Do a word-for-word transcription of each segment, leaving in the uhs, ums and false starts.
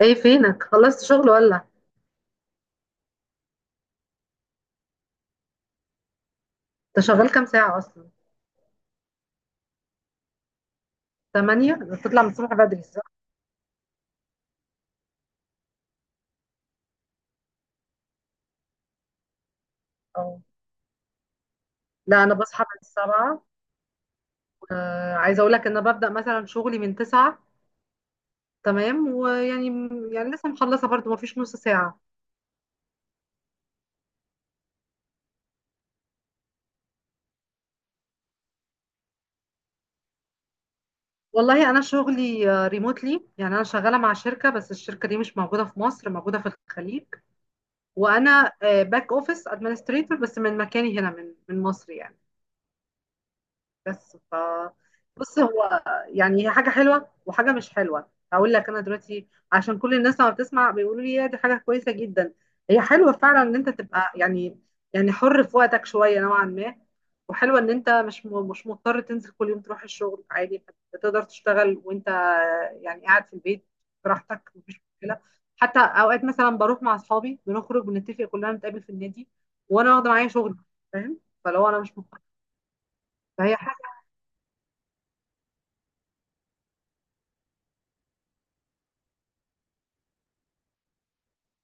ايه فينك، خلصت شغل ولا؟ انت شغال كام ساعة اصلا؟ تمانية، بتطلع من الصبح بدري صح؟ اه. لا، انا بصحى من السبعة. آه عايزة اقول لك ان انا ببدأ مثلا شغلي من تسعة. تمام، ويعني، يعني لسه مخلصة برضو ما فيش نص ساعة. والله انا شغلي ريموتلي، يعني انا شغالة مع شركة، بس الشركة دي مش موجودة في مصر، موجودة في الخليج. وانا باك اوفيس ادمنستريتور، بس من مكاني هنا، من من مصر يعني. بس ف بص هو، يعني هي حاجة حلوة وحاجة مش حلوة. هقول لك أنا دلوقتي، عشان كل الناس لما بتسمع بيقولوا لي يا دي حاجة كويسة جدا. هي حلوة فعلا إن أنت تبقى يعني، يعني حر في وقتك شوية نوعا ما. وحلوة إن أنت مش م- مش مضطر تنزل كل يوم تروح الشغل عادي. تقدر تشتغل وأنت يعني قاعد في البيت براحتك، مفيش مشكلة. حتى أوقات مثلا بروح مع أصحابي، بنخرج بنتفق كلنا نتقابل في النادي وأنا واخدة معايا شغل. فاهم؟ فلو أنا مش مضطر، فهي حاجه.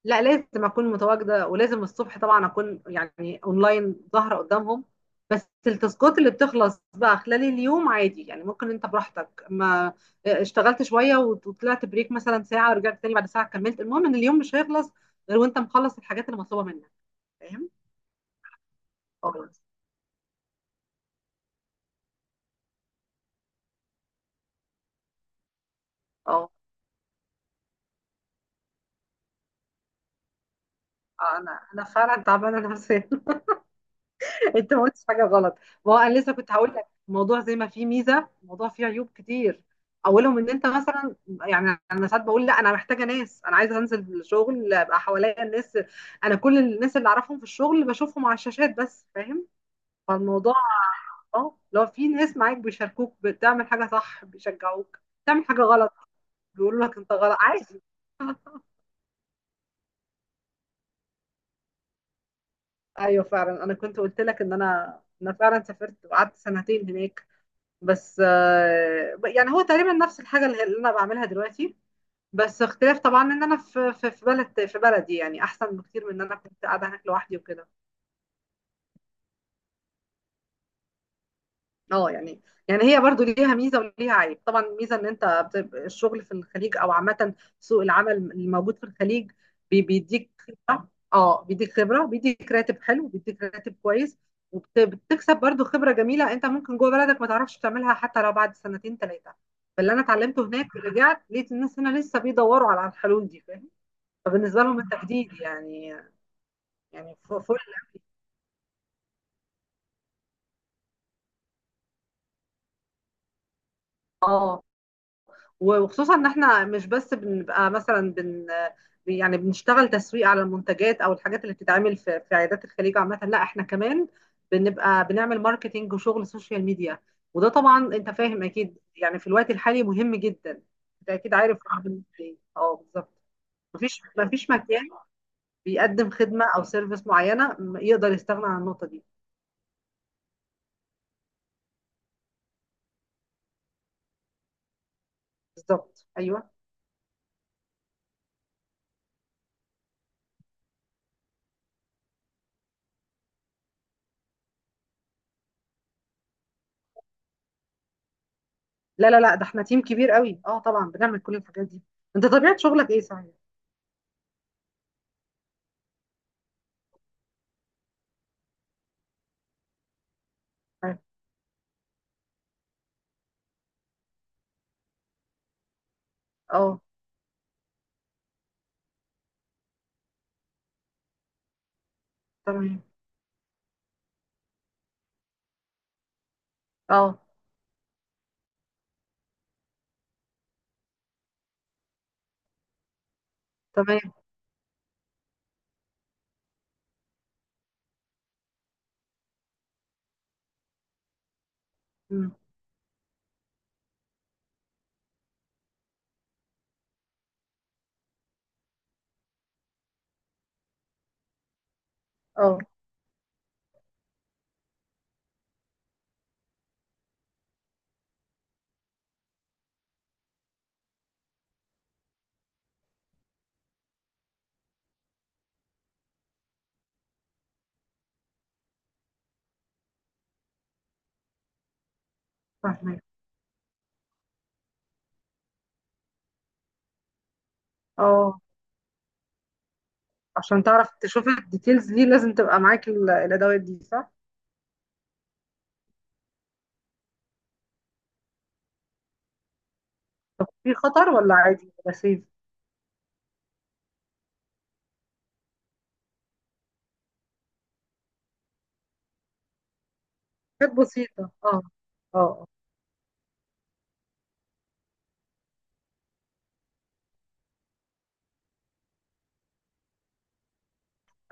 لا، لازم اكون متواجده، ولازم الصبح طبعا اكون يعني اونلاين ظاهره قدامهم. بس التاسكات اللي بتخلص بقى خلال اليوم عادي، يعني ممكن انت براحتك ما، آه، اشتغلت شويه وت- وطلعت بريك مثلا ساعه ورجعت تاني بعد ساعه كملت. المهم ان اليوم مش هيخلص غير وانت مخلص الحاجات اللي مطلوبه منك. فاهم؟ خلاص. اه. آه، انا انا فعلا تعبانه نفسيا. انت ما قلتش حاجه غلط. ما هو انا لسه كنت هقول لك، الموضوع زي ما فيه ميزه الموضوع فيه عيوب كتير. اولهم ان انت مثلا، يعني انا ساعات بقول لا، انا محتاجه ناس، انا عايزه انزل الشغل ابقى حواليا الناس. انا كل الناس اللي اعرفهم في الشغل بشوفهم على الشاشات بس. فاهم؟ فالموضوع، اه لو في ناس معاك بيشاركوك بتعمل حاجه صح، بيشجعوك بتعمل حاجه غلط، بيقولوا لك انت غلط عادي. ايوه فعلا، انا كنت قلت لك ان انا انا فعلا سافرت وقعدت سنتين هناك. بس آه، يعني هو تقريبا نفس الحاجة اللي اللي انا بعملها دلوقتي. بس اختلاف طبعا ان انا في في في بلد، في بلدي، يعني احسن بكتير من ان انا كنت قاعدة هناك لوحدي وكده. اه يعني، يعني هي برضو ليها ميزه وليها عيب. طبعا الميزه ان انت بت- الشغل في الخليج او عامه سوق العمل الموجود في الخليج بي- بيديك خبره. اه بيديك خبره، بيديك راتب حلو، بيديك راتب كويس. وبتكسب برضو خبره جميله انت ممكن جوه بلدك ما تعرفش تعملها حتى لو بعد سنتين ثلاثه. فاللي انا اتعلمته هناك ورجعت لقيت الناس هنا لسه بيدوروا على الحلول دي. فاهم؟ فبالنسبه لهم التجديد يعني. يعني ف- فل اه، وخصوصا ان احنا مش بس بنبقى مثلا بن يعني بنشتغل تسويق على المنتجات او الحاجات اللي بتتعمل في في عيادات الخليج. عامه، لا احنا كمان بنبقى بنعمل ماركتينج وشغل سوشيال ميديا. وده طبعا انت فاهم اكيد، يعني في الوقت الحالي مهم جدا. انت اكيد عارف العالم إزاي. اه بالظبط. مفيش مفيش مكان بيقدم خدمه او سيرفيس معينه م- يقدر يستغنى عن النقطه دي. بالظبط، ايوه. لا لا لا، ده احنا تيم كبير قوي، اه طبعا بنعمل كل الحاجات دي. انت طبيعه شغلك ايه صحيح؟ اه. تمام. اه. تمام. مم. اه. فاهمك. اه، عشان تعرف تشوف الديتيلز دي لازم تبقى معاك ال- الادوات دي صح؟ في خطر ولا عادي ولا سيف؟ حاجات بسيطه اه. اه آه.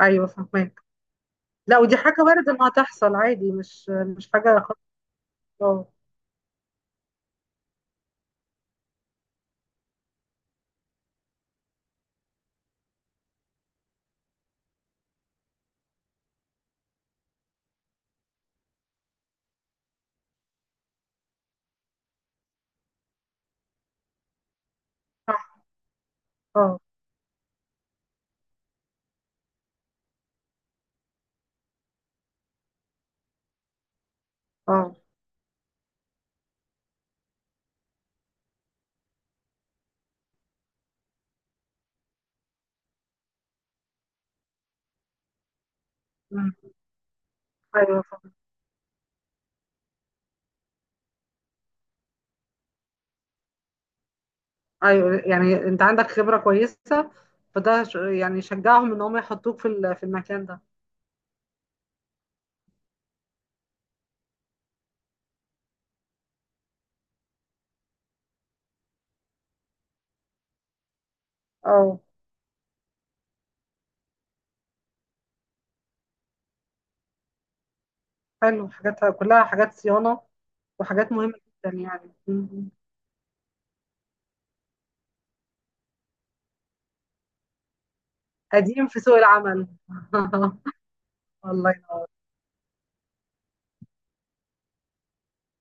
ايوه فاهمك. لا ودي حاجه وارد انها تحصل عادي، مش مش حاجه خطر. اه. صح. اه. اه. مم. ايوه فاهمك. ايوه يعني انت عندك خبره كويسه، فده ش- يعني يشجعهم ان هم يحطوك في ال- في المكان ده. اه. حلو، حاجاتها كلها حاجات صيانة وحاجات مهمة جدا يعني م- قديم في سوق العمل الله ينور.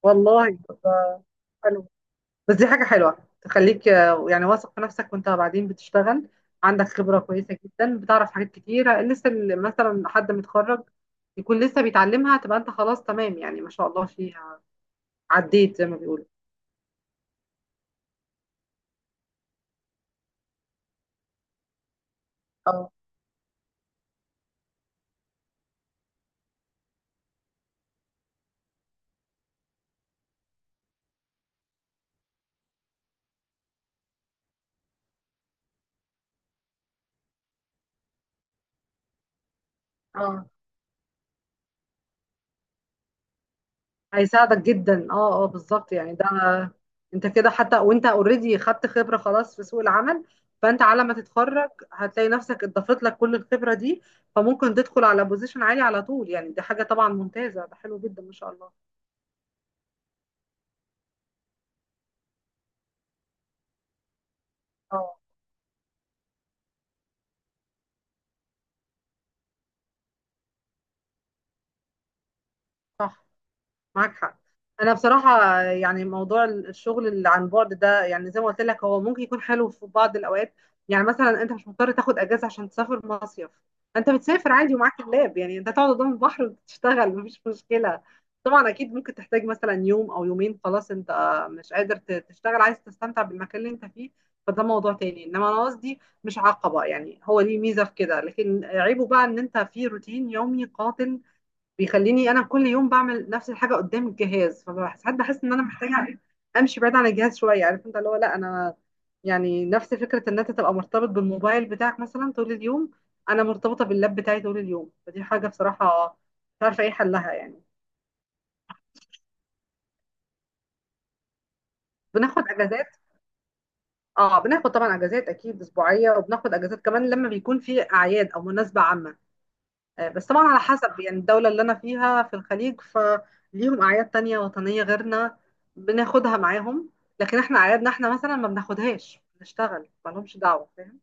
والله طب- حلو. بس دي حاجة حلوة تخليك آه، يعني واثق في نفسك وانت بعدين بتشتغل. عندك خبرة كويسة جدا، بتعرف حاجات كتيرة لسه ال- مثلا حد متخرج يكون لسه بيتعلمها، تبقى انت خلاص تمام يعني، ما شاء الله فيها. عديت زي ما بيقولوا. اه. اه هيساعدك جدا. اه اه بالظبط يعني ده، انت كده حتى وانت اوريدي خدت خبرة خلاص في سوق العمل. فانت على ما تتخرج هتلاقي نفسك اضافت لك كل الخبرة دي. فممكن تدخل على بوزيشن عالي على طول، يعني دي حاجة طبعا ممتازة، ده حلو جدا ما شاء الله. اه. صح. معاك حق. انا بصراحه يعني موضوع الشغل اللي عن بعد ده، يعني زي ما قلت لك هو ممكن يكون حلو في بعض الاوقات. يعني مثلا انت مش مضطر تاخد اجازه عشان تسافر مصيف. انت بتسافر عادي ومعاك اللاب، يعني انت تقعد قدام البحر وتشتغل مفيش مشكله. طبعا اكيد ممكن تحتاج مثلا يوم او يومين خلاص، انت مش قادر ت- تشتغل، عايز تستمتع بالمكان اللي انت فيه. فده موضوع تاني. انما انا قصدي مش عقبه، يعني هو ليه ميزه في كده. لكن عيبه بقى ان انت في روتين يومي قاتل، بيخليني انا كل يوم بعمل نفس الحاجه قدام الجهاز، فبحس ساعات بحس ان انا محتاجه امشي بعيد عن الجهاز شويه. عارف انت اللي هو، لا انا يعني نفس فكره ان انت تبقى مرتبط بالموبايل بتاعك مثلا طول اليوم. انا مرتبطه باللاب بتاعي طول اليوم، فدي حاجه بصراحه مش عارفه ايه حلها يعني. بناخد اجازات. اه بناخد طبعا اجازات اكيد اسبوعيه، وبناخد اجازات كمان لما بيكون في اعياد او مناسبه عامه. آه، بس طبعا على حسب، يعني الدولة اللي أنا فيها في الخليج فليهم أعياد تانية وطنية غيرنا، بناخدها معاهم. لكن احنا أعيادنا احنا مثلا ما بناخدهاش، بنشتغل مالهمش دعوة. فاهم؟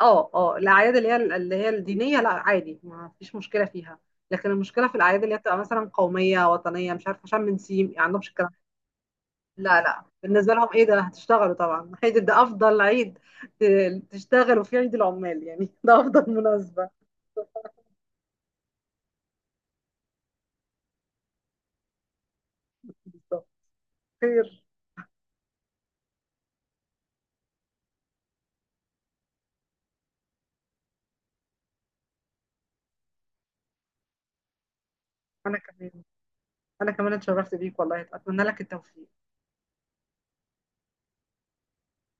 اه اه، الأعياد اللي هي اللي هي الدينية لا عادي ما فيش مشكلة فيها. لكن المشكلة في الأعياد اللي هي بتبقى مثلا قومية وطنية، مش عارفة شم نسيم، يعني عندهمش الكلام ده. لا لا، بالنسبة لهم ايه ده هتشتغلوا طبعا، عيد ده أفضل عيد ت- تشتغلوا في عيد العمال، يعني ده أفضل مناسبة. بالظبط. خير. أنا كمان انا كمان اتشرفت بيك والله، اتمنى لك التوفيق.